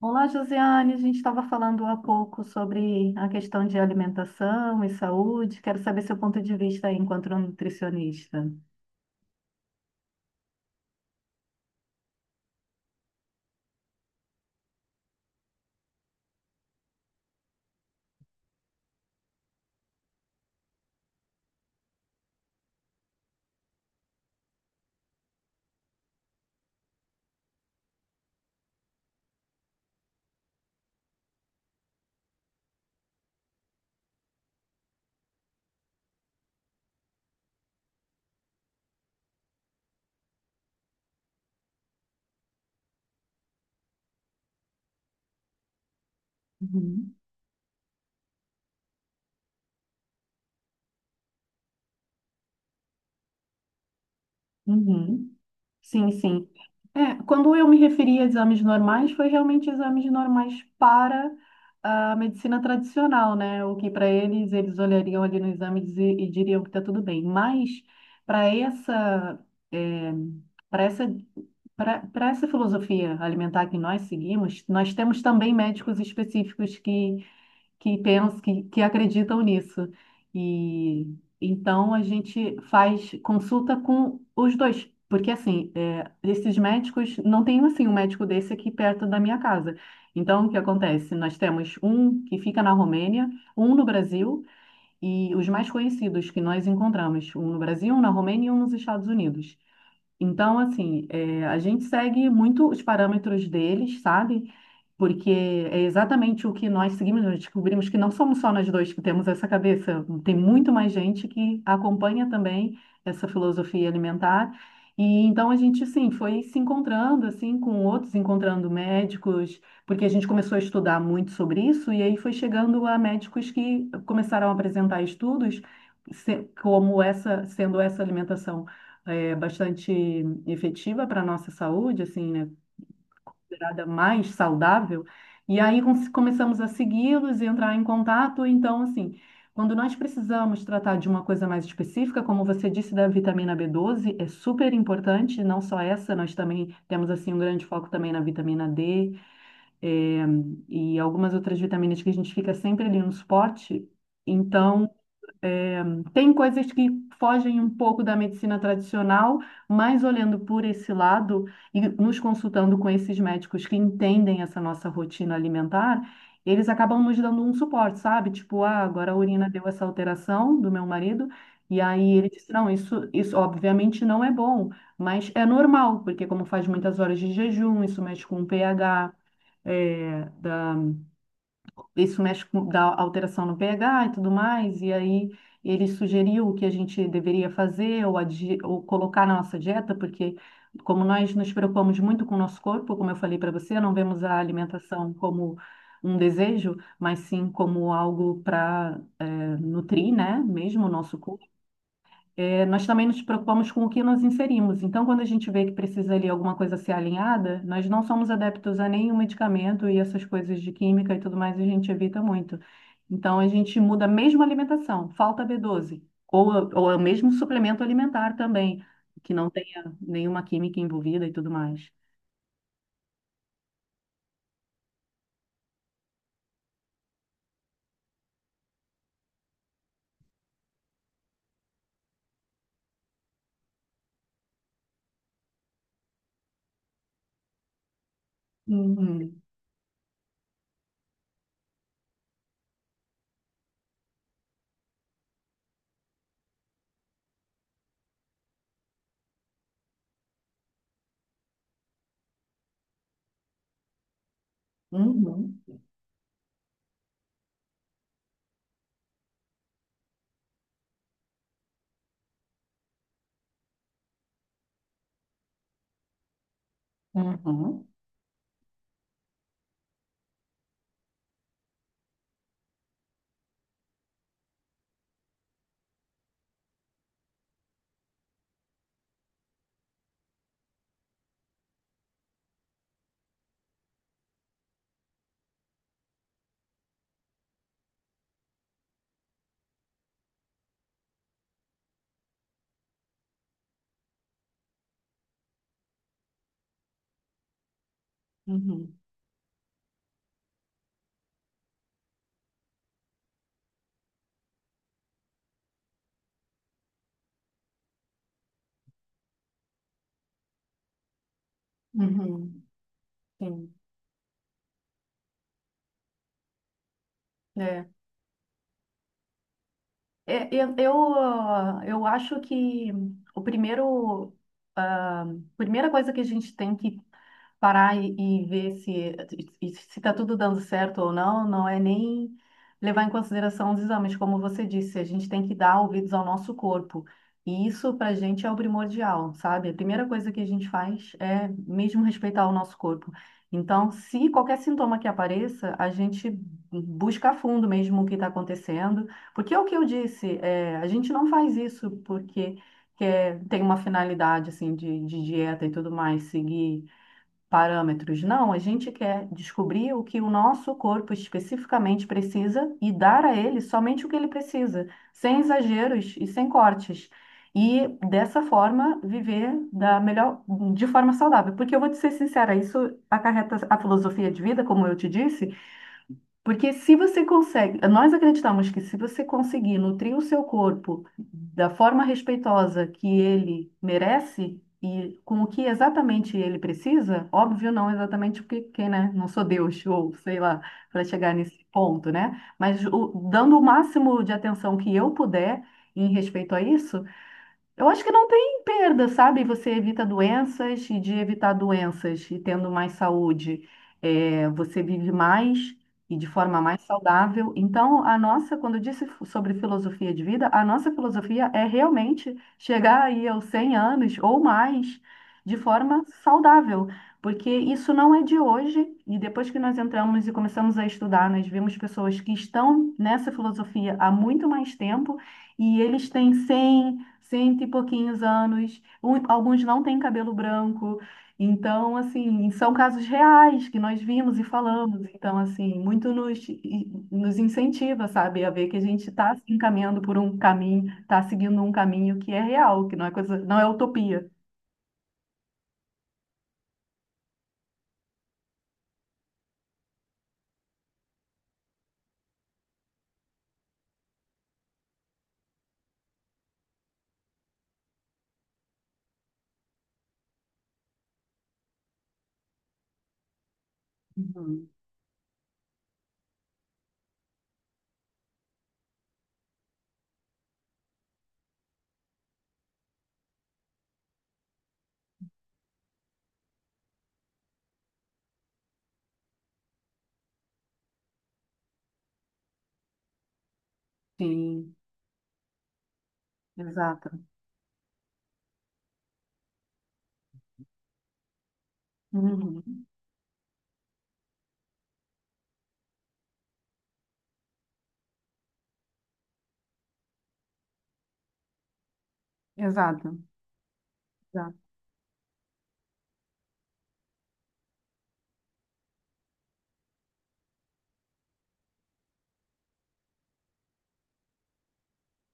Olá, Josiane. A gente estava falando há pouco sobre a questão de alimentação e saúde. Quero saber seu ponto de vista aí enquanto nutricionista. Uhum. Uhum. Sim, sim. É, quando eu me referi a exames normais, foi realmente exames normais para a medicina tradicional, né? O que para eles, eles olhariam ali no exame e diriam que está tudo bem. Mas para essa, é, para essa, para para essa filosofia alimentar que nós seguimos, nós temos também médicos específicos que pensam, que acreditam nisso. E então a gente faz consulta com os dois, porque assim, é, esses médicos, não tem assim um médico desse aqui perto da minha casa. Então, o que acontece? Nós temos um que fica na Romênia, um no Brasil e os mais conhecidos que nós encontramos, um no Brasil, um na Romênia e um nos Estados Unidos. Então, assim, é, a gente segue muito os parâmetros deles, sabe? Porque é exatamente o que nós seguimos, nós descobrimos que não somos só nós dois que temos essa cabeça, tem muito mais gente que acompanha também essa filosofia alimentar. E então a gente, sim, foi se encontrando assim com outros, encontrando médicos, porque a gente começou a estudar muito sobre isso e aí foi chegando a médicos que começaram a apresentar estudos sendo essa alimentação bastante efetiva para a nossa saúde, assim, né? Considerada mais saudável. E aí começamos a segui-los e entrar em contato. Então, assim, quando nós precisamos tratar de uma coisa mais específica, como você disse da vitamina b doze é super importante, não só essa, nós também temos, assim, um grande foco também na vitamina D, eh, e algumas outras vitaminas que a gente fica sempre ali no suporte. Então, tem coisas que fogem um pouco da medicina tradicional, mas olhando por esse lado e nos consultando com esses médicos que entendem essa nossa rotina alimentar, eles acabam nos dando um suporte, sabe? Tipo, ah, agora a urina deu essa alteração do meu marido, e aí ele disse, não, isso obviamente não é bom, mas é normal, porque como faz muitas horas de jejum, isso mexe com o pH, eh, da isso mexe com dá alteração no pH e tudo mais, e aí ele sugeriu o que a gente deveria fazer ou colocar na nossa dieta, porque como nós nos preocupamos muito com o nosso corpo, como eu falei para você, não vemos a alimentação como um desejo, mas sim como algo para nutrir, né, mesmo o nosso corpo nós também nos preocupamos com o que nos inserimos. Então, quando a gente vê que precisa ali alguma coisa ser alinhada, nós não somos adeptos a nenhum medicamento e essas coisas de química e tudo mais, a gente evita muito. Então, a gente muda mesmo a alimentação, falta B12, ou é o mesmo suplemento alimentar também, que não tenha nenhuma química envolvida e tudo mais. Uhum. Uhum. Uhum. Uhum. Uhum. Sim. É. É. Eu eu acho que o primeiro, a primeira coisa que a gente tem que parar e ver se está tudo dando certo ou não, não é nem levar em consideração os exames, como você disse, a gente tem que dar ouvidos ao nosso corpo. E isso para a gente é o primordial, sabe? A primeira coisa que a gente faz é mesmo respeitar o nosso corpo. Então, se qualquer sintoma que apareça, a gente busca a fundo mesmo o que está acontecendo porque é o que eu disse, é, a gente não faz isso porque quer, tem uma finalidade assim de dieta e tudo mais, seguir parâmetros. Não, a gente quer descobrir o que o nosso corpo especificamente precisa e dar a ele somente o que ele precisa, sem exageros e sem cortes. E dessa forma viver de forma saudável. Porque eu vou te ser sincera, isso acarreta a filosofia de vida, como eu te disse. Porque se você consegue, nós acreditamos que se você conseguir nutrir o seu corpo da forma respeitosa que ele merece e com o que exatamente ele precisa, óbvio, não exatamente porque, quem, né, não sou Deus ou sei lá, para chegar nesse ponto, né? Mas dando o máximo de atenção que eu puder em respeito a isso, eu acho que não tem perda, sabe? Você evita doenças e de evitar doenças e tendo mais saúde, é, você vive mais e de forma mais saudável. Então, a nossa, quando eu disse sobre filosofia de vida, a nossa filosofia é realmente chegar aí aos 100 anos ou mais de forma saudável, porque isso não é de hoje. E depois que nós entramos e começamos a estudar, nós vimos pessoas que estão nessa filosofia há muito mais tempo e eles têm 100 cento e pouquinhos anos, alguns não têm cabelo branco. Então, assim, são casos reais que nós vimos e falamos. Então, assim, muito nos, incentiva, sabe, a ver que a gente está se encaminhando por um caminho, está seguindo um caminho que é real, que não é coisa, não é utopia. Uhum. Sim, exato. Uhum. Exato. Exato.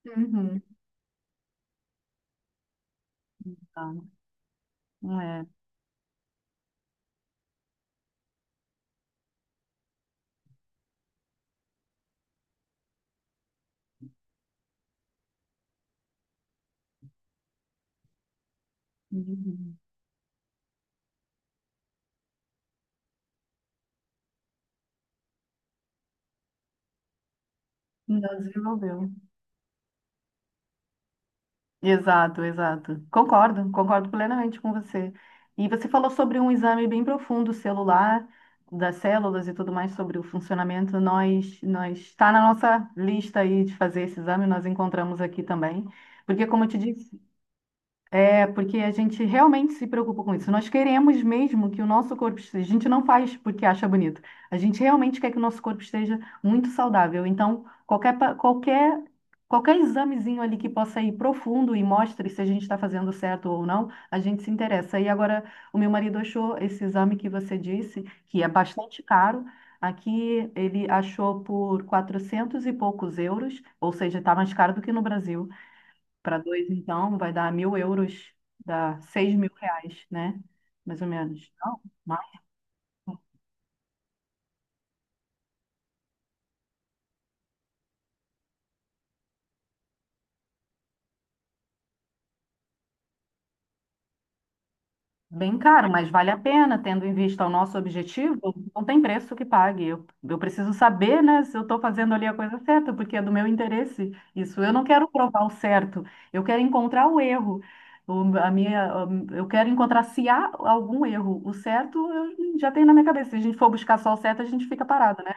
Uhum. Tá. É. Uhum. Ainda desenvolveu. Exato, exato. Concordo, concordo plenamente com você. E você falou sobre um exame bem profundo celular, das células e tudo mais, sobre o funcionamento. Nós está na nossa lista aí de fazer esse exame, nós encontramos aqui também. Porque, como eu te disse, é, porque a gente realmente se preocupa com isso. Nós queremos mesmo que o nosso corpo esteja. A gente não faz porque acha bonito. A gente realmente quer que o nosso corpo esteja muito saudável. Então, qualquer examezinho ali que possa ir profundo e mostre se a gente está fazendo certo ou não, a gente se interessa. E agora, o meu marido achou esse exame que você disse, que é bastante caro. Aqui ele achou por 400 e poucos euros, ou seja, está mais caro do que no Brasil. Para dois, então, vai dar 1.000 euros, dá R$ 6.000, né? Mais ou menos. Não, mas bem caro, mas vale a pena, tendo em vista o nosso objetivo, não tem preço que pague. Eu preciso saber, né, se eu estou fazendo ali a coisa certa, porque é do meu interesse. Isso, eu não quero provar o certo, eu quero encontrar o erro. O- a minha, eu quero encontrar se há algum erro. O certo eu já tenho na minha cabeça. Se a gente for buscar só o certo, a gente fica parado. Né?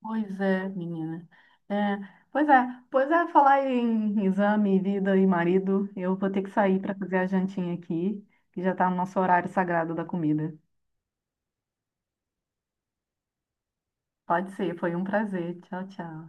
Pois é, menina. É, pois é, pois é, falar em exame, vida e marido, eu vou ter que sair para fazer a jantinha aqui, que já está no nosso horário sagrado da comida. Pode ser, foi um prazer. Tchau, tchau.